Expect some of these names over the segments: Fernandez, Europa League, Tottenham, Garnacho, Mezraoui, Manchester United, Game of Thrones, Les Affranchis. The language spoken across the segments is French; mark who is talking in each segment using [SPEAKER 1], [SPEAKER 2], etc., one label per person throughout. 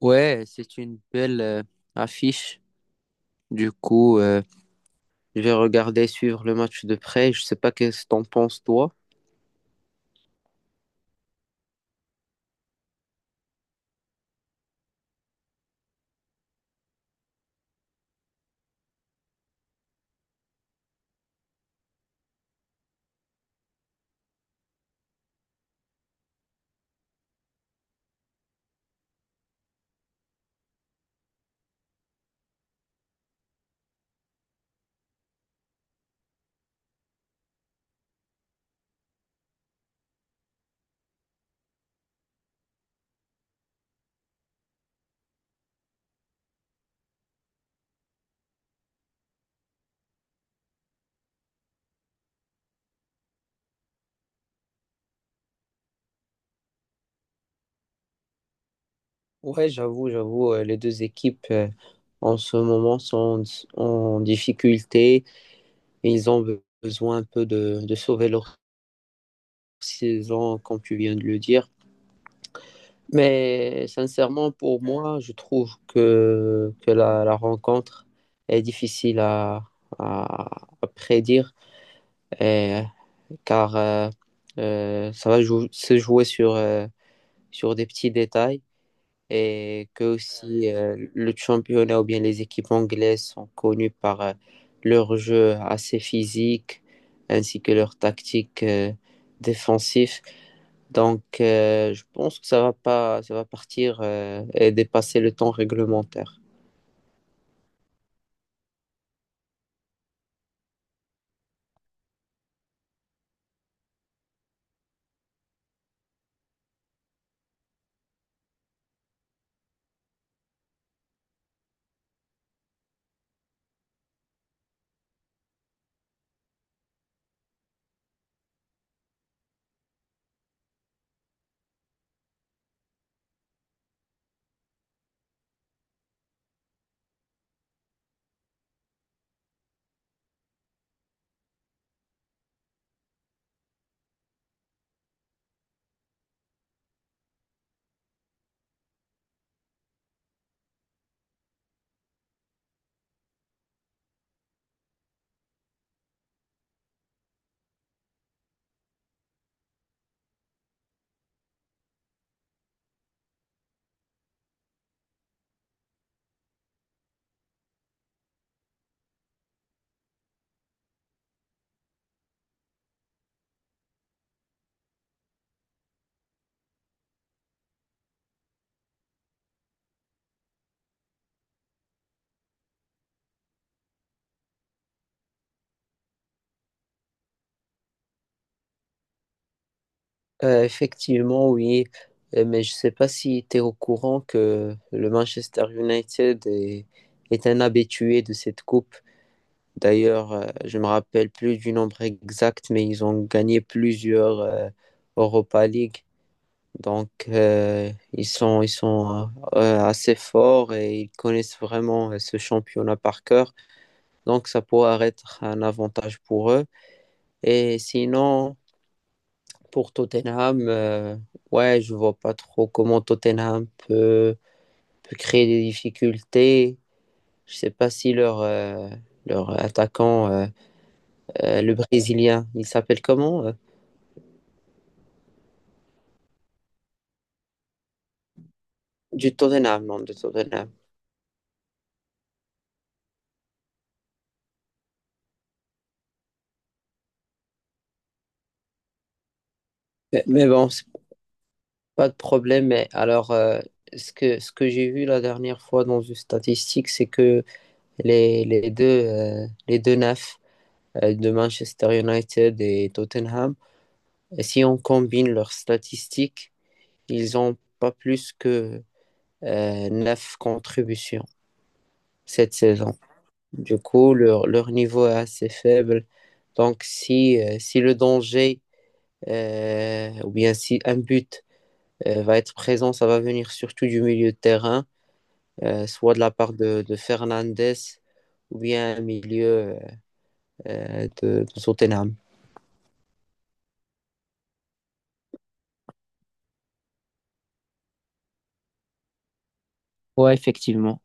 [SPEAKER 1] Ouais, c'est une belle affiche. Du coup, euh, je vais regarder, suivre le match de près. Je sais pas qu'est-ce que t'en penses, toi. Ouais, j'avoue, les deux équipes en ce moment sont en difficulté. Ils ont besoin un peu de sauver leur saison, comme tu viens de le dire. Mais sincèrement, pour moi, je trouve que la rencontre est difficile à prédire. Et- car ça va se jouer sur des petits détails, et que aussi le championnat ou bien les équipes anglaises sont connues par leur jeu assez physique, ainsi que leur tactique défensif. Je pense que ça va pas, ça va partir et dépasser le temps réglementaire. Effectivement, oui. Mais je ne sais pas si tu es au courant que le Manchester United est un habitué de cette coupe. D'ailleurs, je me rappelle plus du nombre exact, mais ils ont gagné plusieurs Europa League. Donc, ils sont assez forts et ils connaissent vraiment ce championnat par cœur. Donc, ça pourrait être un avantage pour eux. Et sinon, pour Tottenham, ouais, je vois pas trop comment Tottenham peut créer des difficultés. Je sais pas si leur attaquant, le Brésilien, il s'appelle comment? Du Tottenham, non, de Tottenham. Mais bon, c'est pas de problème. Mais alors, ce que j'ai vu la dernière fois dans une statistique, c'est que les deux neufs de Manchester United et Tottenham, si on combine leurs statistiques, ils ont pas plus que neuf contributions cette saison. Du coup, leur niveau est assez faible. Donc, si le danger ou bien si un but va être présent, ça va venir surtout du milieu de terrain, soit de la part de Fernandez, ou bien un milieu de Tottenham. Ouais, effectivement.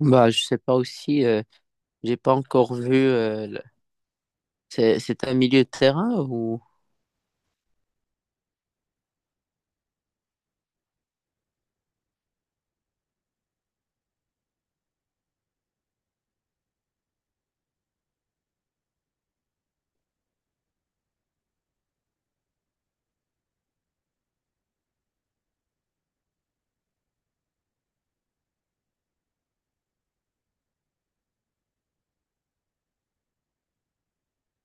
[SPEAKER 1] Bah, je sais pas aussi. J'ai pas encore vu. C'est un milieu de terrain ou…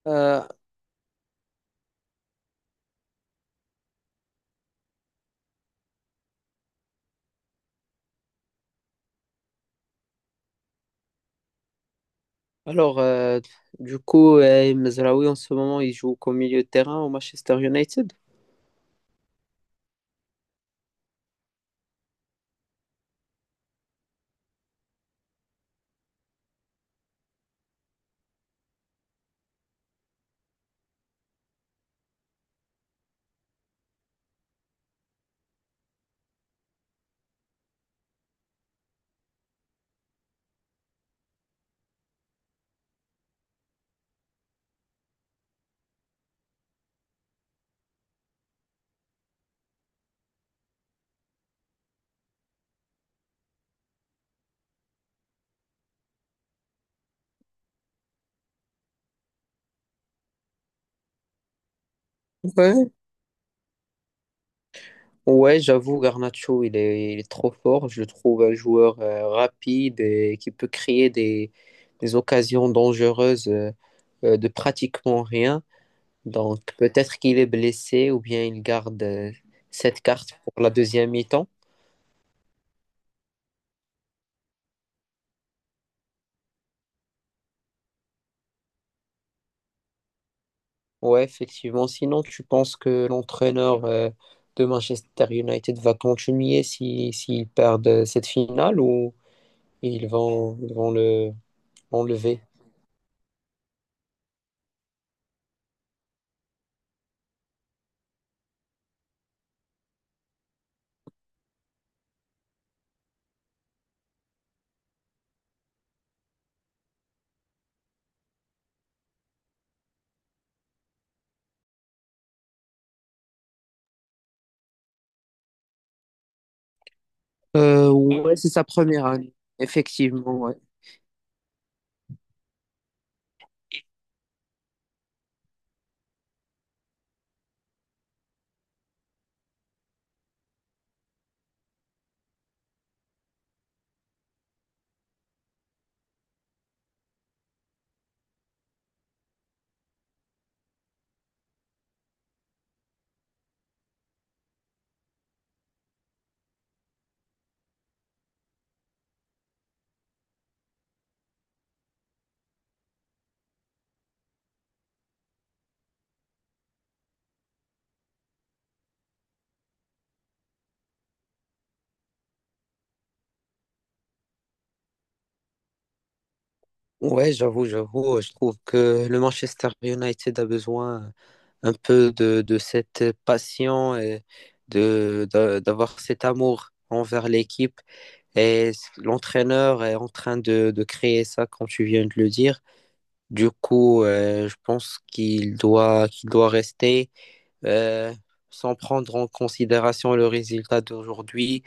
[SPEAKER 1] Euh, Alors, euh, Mezraoui, en ce moment, il joue comme milieu de terrain au Manchester United. Ouais, Ouais, j'avoue, Garnacho, il est trop fort. Je le trouve un joueur rapide et qui peut créer des occasions dangereuses de pratiquement rien. Donc, peut-être qu'il est blessé ou bien il garde cette carte pour la deuxième mi-temps. Ouais, effectivement. Sinon, tu penses que l'entraîneur de Manchester United va continuer si, s'ils perdent cette finale, ou ils vont le enlever? Ouais, c'est sa première année. Effectivement, ouais. J'avoue. Je trouve que le Manchester United a besoin un peu de cette passion et d'avoir cet amour envers l'équipe. Et l'entraîneur est en train de créer ça, comme tu viens de le dire. Je pense qu'il doit rester euh, sans prendre en considération le résultat d'aujourd'hui,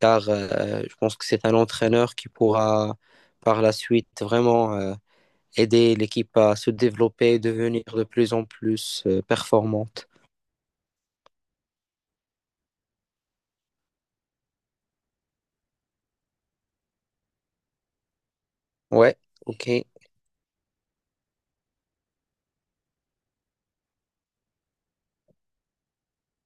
[SPEAKER 1] car je pense que c'est un entraîneur qui pourra par la suite vraiment aider l'équipe à se développer et devenir de plus en plus performante. Ouais, ok.